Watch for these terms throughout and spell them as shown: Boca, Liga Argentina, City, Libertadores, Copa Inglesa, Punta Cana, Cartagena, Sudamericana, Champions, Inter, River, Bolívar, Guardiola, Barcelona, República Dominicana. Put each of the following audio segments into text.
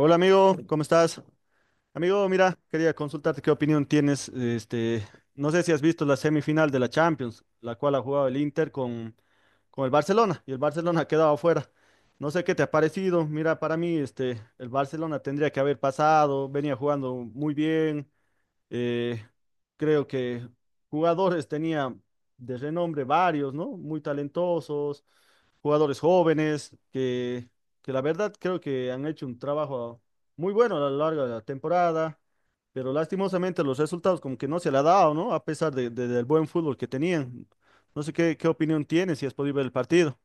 Hola amigo, ¿cómo estás? Amigo, mira, quería consultarte qué opinión tienes. No sé si has visto la semifinal de la Champions, la cual ha jugado el Inter con el Barcelona, y el Barcelona ha quedado afuera. No sé qué te ha parecido. Mira, para mí, el Barcelona tendría que haber pasado, venía jugando muy bien. eh, Creo que jugadores tenía de renombre varios, ¿no? Muy talentosos jugadores jóvenes que la verdad creo que han hecho un trabajo muy bueno a lo largo de la temporada, pero lastimosamente los resultados como que no se le ha dado, ¿no? A pesar del buen fútbol que tenían. No sé qué opinión tienes, si has podido ver el partido.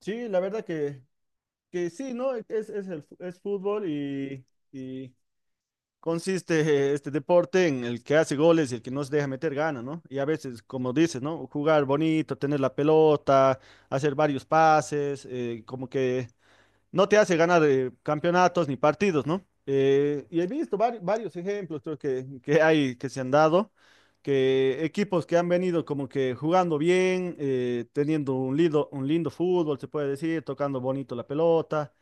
Sí, la verdad que sí, ¿no? Es fútbol y consiste este deporte en el que hace goles y el que no se deja meter gana, ¿no? Y a veces, como dices, ¿no? Jugar bonito, tener la pelota, hacer varios pases, como que no te hace ganar campeonatos ni partidos, ¿no? Y he visto varios ejemplos. Creo que hay, que se han dado, que equipos que han venido como que jugando bien, teniendo un un lindo fútbol, se puede decir, tocando bonito la pelota,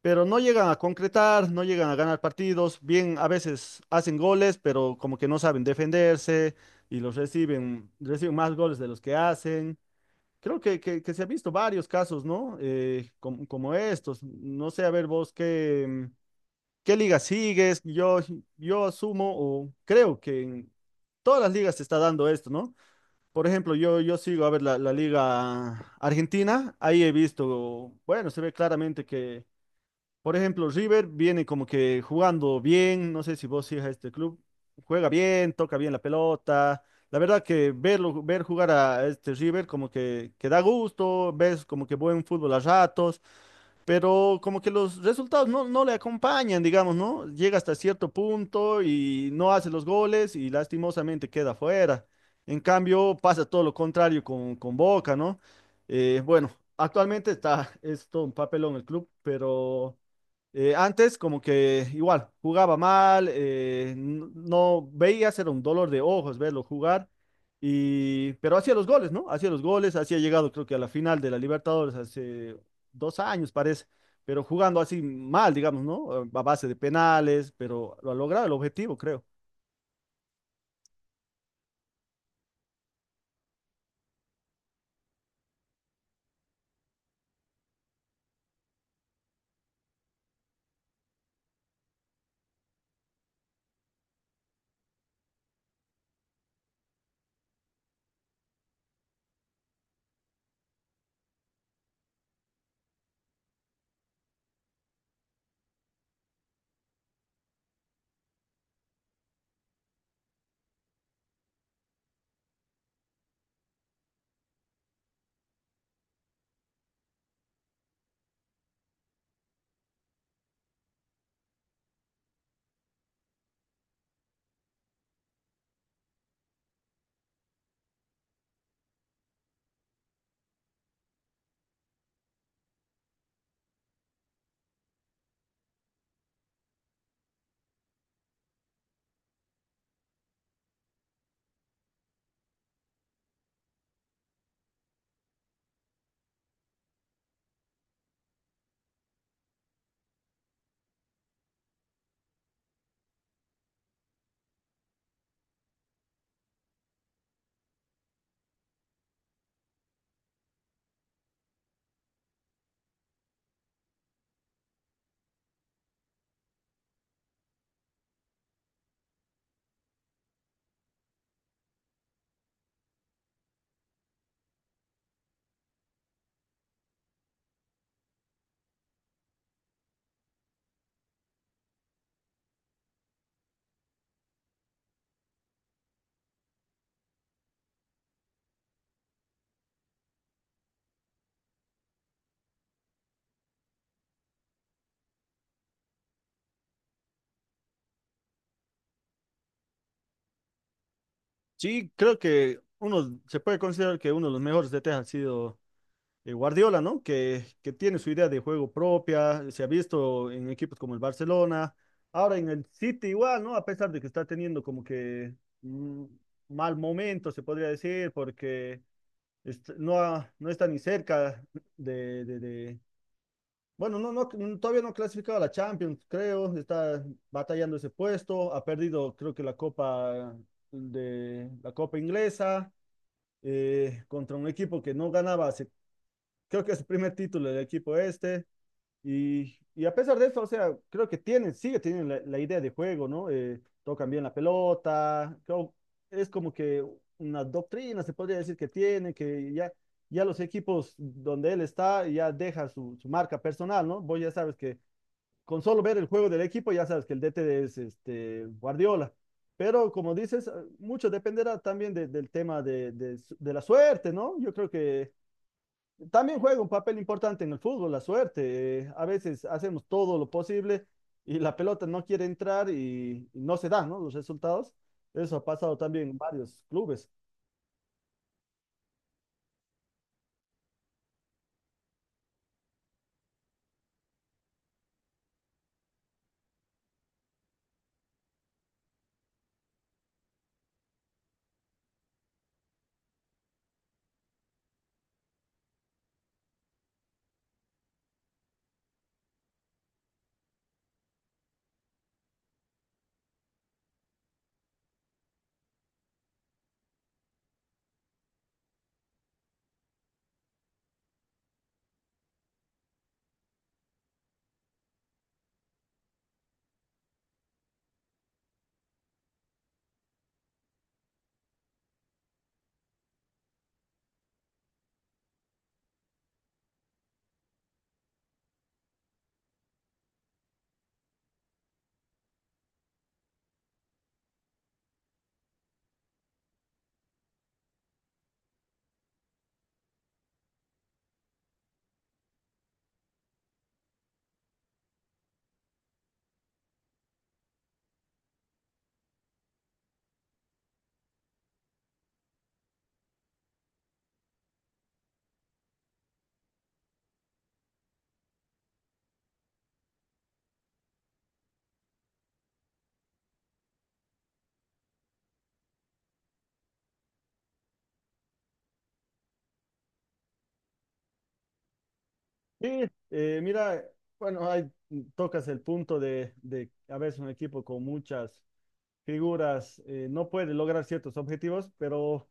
pero no llegan a concretar, no llegan a ganar partidos, bien, a veces hacen goles, pero como que no saben defenderse y los reciben más goles de los que hacen. Creo que se han visto varios casos, ¿no? Como estos. No sé, a ver vos qué liga sigues. Yo asumo o creo que en todas las ligas se está dando esto, ¿no? Por ejemplo, yo sigo a ver la Liga Argentina. Ahí he visto, bueno, se ve claramente que, por ejemplo, River viene como que jugando bien, no sé si vos sigas a este club, juega bien, toca bien la pelota. La verdad que verlo, ver jugar a este River como que da gusto, ves como que buen fútbol a ratos, pero como que los resultados no le acompañan, digamos, ¿no? Llega hasta cierto punto y no hace los goles y lastimosamente queda fuera. En cambio, pasa todo lo contrario con Boca, ¿no? Bueno, actualmente está, es todo un papelón el club, pero... antes como que igual jugaba mal, no veía, era un dolor de ojos verlo jugar, y pero hacía los goles, ¿no? Hacía los goles, hacía llegado creo que a la final de la Libertadores hace dos años, parece, pero jugando así mal, digamos, ¿no? A base de penales, pero lo ha logrado el objetivo, creo. Sí, creo que uno se puede considerar que uno de los mejores DT ha sido Guardiola, ¿no? Que tiene su idea de juego propia, se ha visto en equipos como el Barcelona, ahora en el City igual, ¿no? A pesar de que está teniendo como que mm, mal momento, se podría decir, porque no está ni cerca de, de- de- bueno, todavía no ha clasificado a la Champions, creo, está batallando ese puesto. Ha perdido creo que la Copa de la Copa Inglesa contra un equipo que no ganaba hace, creo que es su primer título, del equipo este. Y a pesar de eso, o sea, creo que tienen, sigue teniendo la idea de juego, ¿no? Tocan bien la pelota, creo, es como que una doctrina, se podría decir que tiene, ya los equipos donde él está ya deja su marca personal, ¿no? Vos ya sabes que con solo ver el juego del equipo ya sabes que el DT es este, Guardiola. Pero como dices, mucho dependerá también del tema de la suerte, ¿no? Yo creo que también juega un papel importante en el fútbol, la suerte. Eh, a veces hacemos todo lo posible y la pelota no quiere entrar y no se dan, ¿no? Los resultados. Eso ha pasado también en varios clubes. Y mira, bueno, ahí tocas el punto de a veces un equipo con muchas figuras no puede lograr ciertos objetivos, pero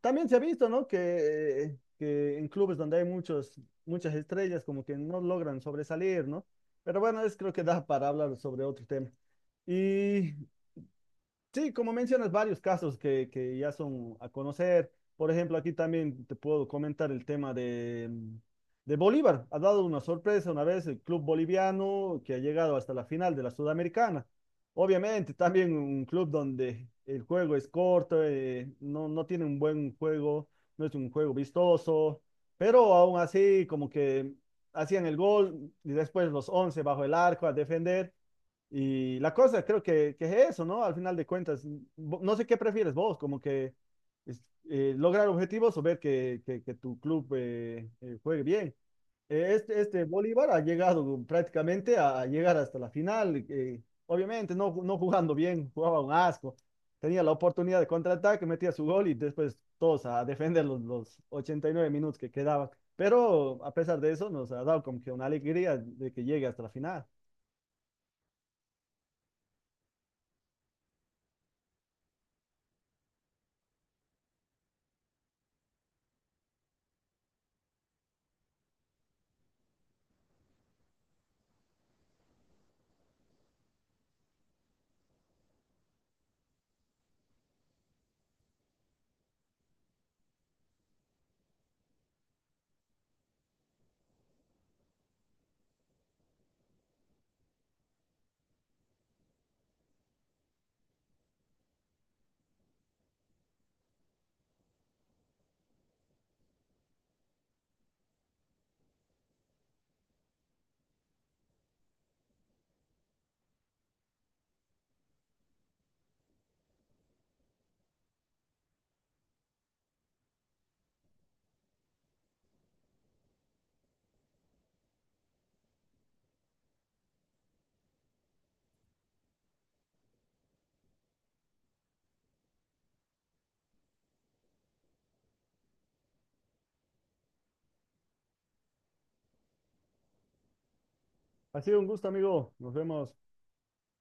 también se ha visto, ¿no? Que en clubes donde hay muchas estrellas como que no logran sobresalir, ¿no? Pero bueno, es creo que da para hablar sobre otro tema. Y sí, como mencionas, varios casos que ya son a conocer. Por ejemplo, aquí también te puedo comentar el tema de, de Bolívar. Ha dado una sorpresa una vez el club boliviano que ha llegado hasta la final de la Sudamericana. Obviamente, también un club donde el juego es corto, no tiene un buen juego, no es un juego vistoso, pero aún así como que hacían el gol y después los 11 bajo el arco a defender. Y la cosa creo que es eso, ¿no? Al final de cuentas, no sé qué prefieres vos, como que es- lograr objetivos o ver que tu club juegue bien. Este Bolívar ha llegado prácticamente a llegar hasta la final, obviamente no jugando bien, jugaba un asco. Tenía la oportunidad de contraataque, metía su gol y después todos a defender los 89 minutos que quedaban. Pero a pesar de eso, nos ha dado como que una alegría de que llegue hasta la final. Ha sido un gusto, amigo. Nos vemos.